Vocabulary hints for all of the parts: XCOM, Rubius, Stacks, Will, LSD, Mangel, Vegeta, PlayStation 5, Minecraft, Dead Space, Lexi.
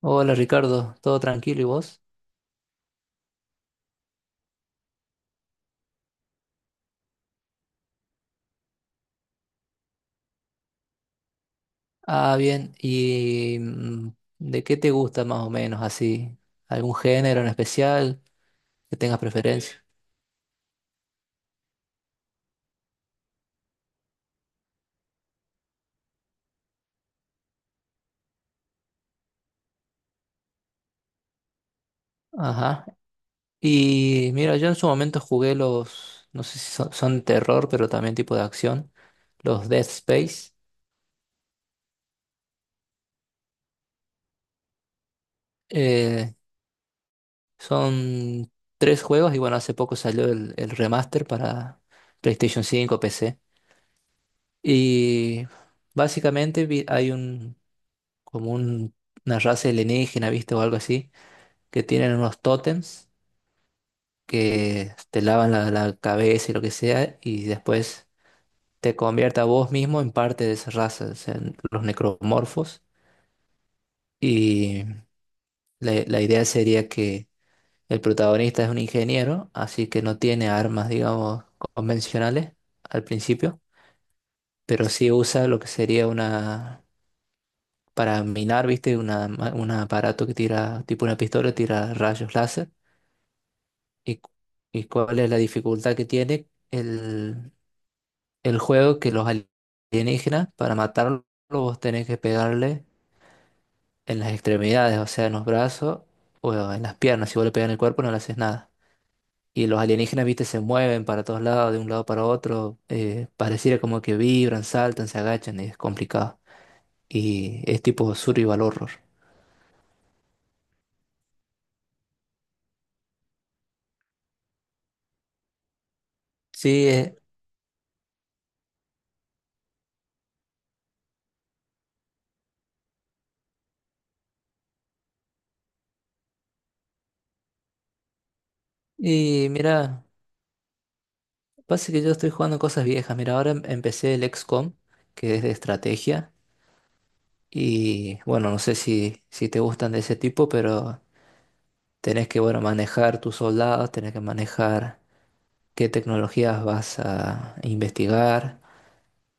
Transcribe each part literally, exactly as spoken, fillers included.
Hola Ricardo, ¿todo tranquilo y vos? Ah, bien, ¿y mm, de qué te gusta más o menos así? ¿Algún género en especial que tengas preferencia? Ajá. Y mira, yo en su momento jugué los, no sé si son, son de terror, pero también tipo de acción, los Dead Space. Eh, Son tres juegos y bueno, hace poco salió el, el remaster para PlayStation cinco, P C. Y básicamente vi- hay un, como un- una raza alienígena, ¿viste? O algo así, que tienen unos tótems que te lavan la, la cabeza y lo que sea, y después te convierte a vos mismo en parte de esa raza, o sea, en los necromorfos. Y la, la idea sería que el protagonista es un ingeniero, así que no tiene armas, digamos, convencionales al principio, pero sí usa lo que sería una... Para minar, ¿viste? Una, ma- un aparato que tira, tipo una pistola, tira rayos láser. ¿Y, cu- y cuál es la dificultad que tiene el, el juego? Que los alienígenas, para matarlos, vos tenés que pegarle en las extremidades, o sea, en los brazos o en las piernas. Si vos le pegas en el cuerpo, no le haces nada. Y los alienígenas, viste, se mueven para todos lados, de un lado para otro. Eh, pareciera como que vibran, saltan, se agachan, y es complicado. Y es tipo survival horror. Sí, eh, y mira, pasa que yo estoy jugando cosas viejas. Mira, ahora em- empecé el equis com, que es de estrategia. Y bueno, no sé si, si te gustan de ese tipo, pero tenés que, bueno, manejar tus soldados, tenés que manejar qué tecnologías vas a investigar,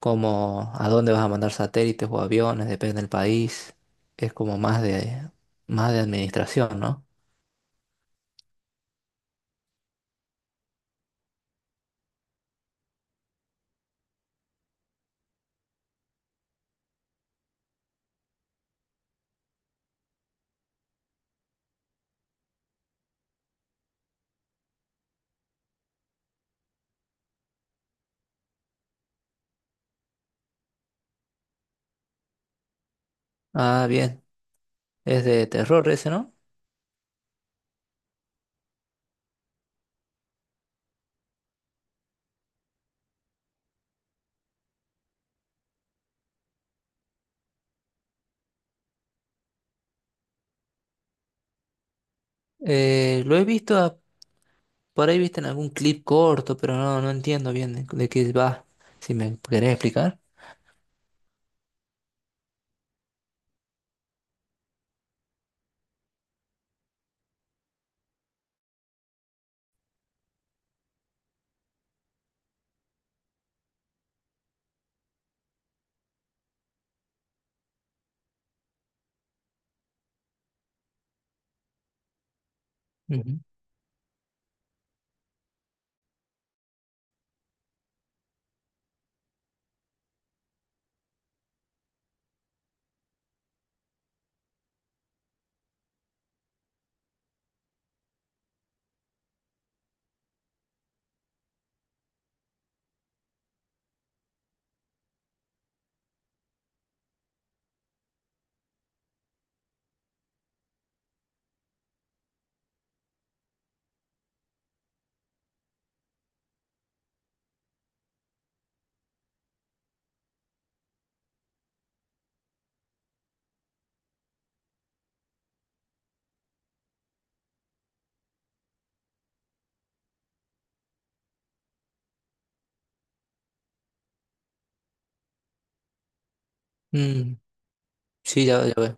cómo, a dónde vas a mandar satélites o aviones, depende del país. Es como más de, más de administración, ¿no? Ah, bien. Es de terror ese, ¿no? Eh, lo he visto, a- por ahí viste en algún clip corto, pero no, no entiendo bien de, de qué va. Si me querés explicar. Ujú. Mm, sí, ya, ya veo.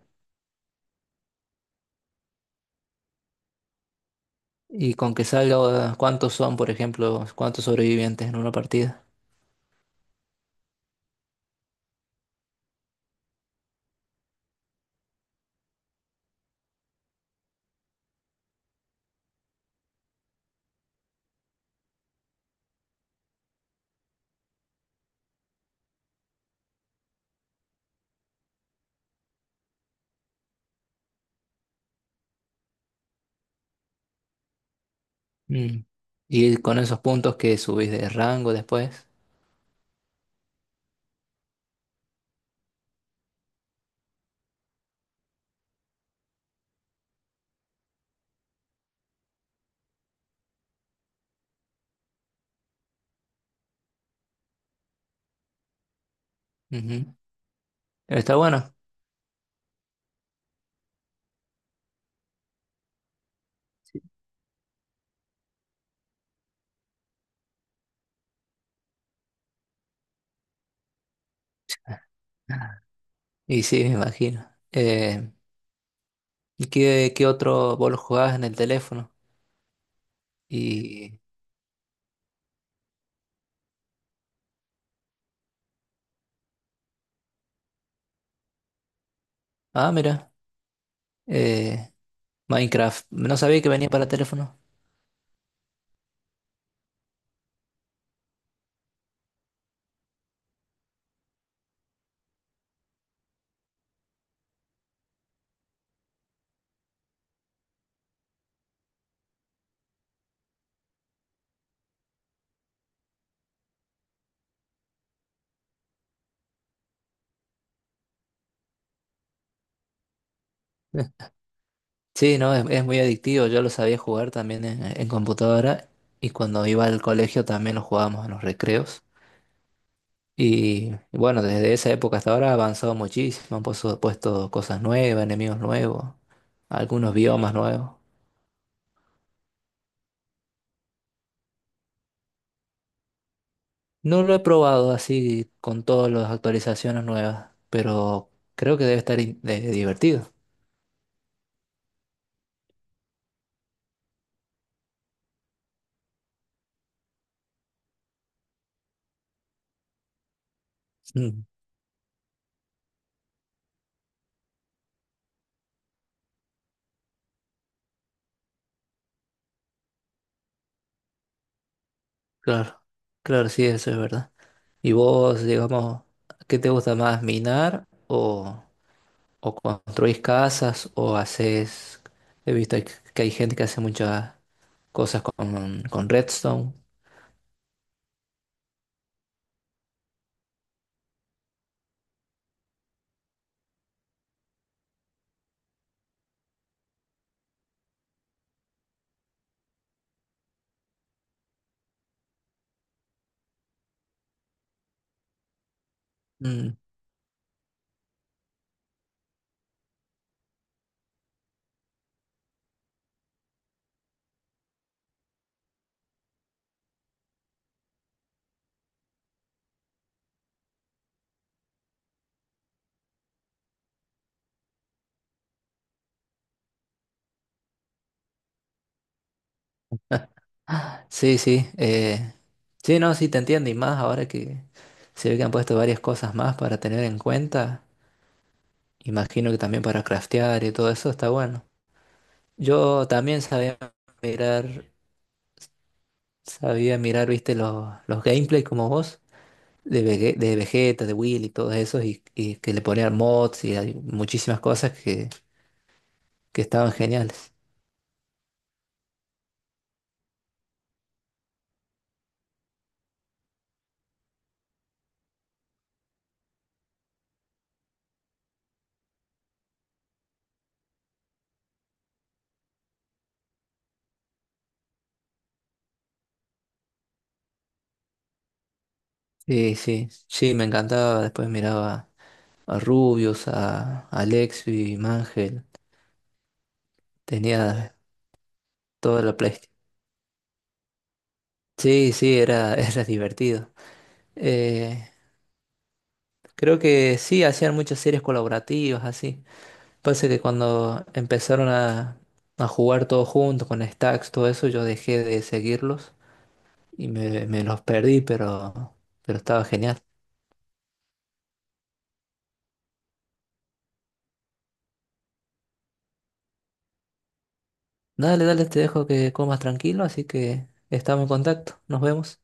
Y con que salga, ¿cuántos son, por ejemplo, cuántos sobrevivientes en una partida? Mm. Y con esos puntos que subís de rango después. Ujú. Está bueno. Sí. Y sí, me imagino. Eh, ¿Y qué, qué otro vos lo jugabas en el teléfono? Y. Ah, mira. eh, Minecraft. No sabía que venía para teléfono. Eh, Sí, no, es, es muy adictivo. Yo lo sabía jugar también en, en computadora. Y cuando iba al colegio también lo jugábamos en los recreos. Y bueno, desde esa época hasta ahora ha avanzado muchísimo, han puesto, puesto cosas nuevas, enemigos nuevos, algunos biomas nuevos. No lo he probado así con todas las actualizaciones nuevas, pero creo que debe estar in- de- divertido. Mm, claro, claro, sí, eso es verdad. ¿Y vos, digamos, qué te gusta más, minar o, o construís casas o haces... He visto que que hay gente que hace muchas cosas con, con redstone. Sí, sí. eh, sí, no, sí te entiendo. Y más ahora que se ve que han puesto varias cosas más para tener en cuenta. Imagino que también para craftear y todo eso está bueno. Yo también sabía mirar, sabía mirar, viste, los, los gameplays como vos, de, Vege- de Vegeta, de Will y todos esos, y, y que le ponían mods y hay muchísimas cosas que, que estaban geniales. Sí, sí, sí, me encantaba. Después miraba a Rubius, a, a Lexi, Mangel. Tenía. Toda la Playstation. Sí, sí, era, era divertido. Eh, Creo que sí, hacían muchas series colaborativas, así. Pasa que cuando empezaron a, a jugar todos juntos con Stacks, todo eso, yo dejé de seguirlos y me, me los perdí, pero, pero estaba genial. Dale, dale, te dejo que comas tranquilo, así que estamos en contacto. Nos vemos.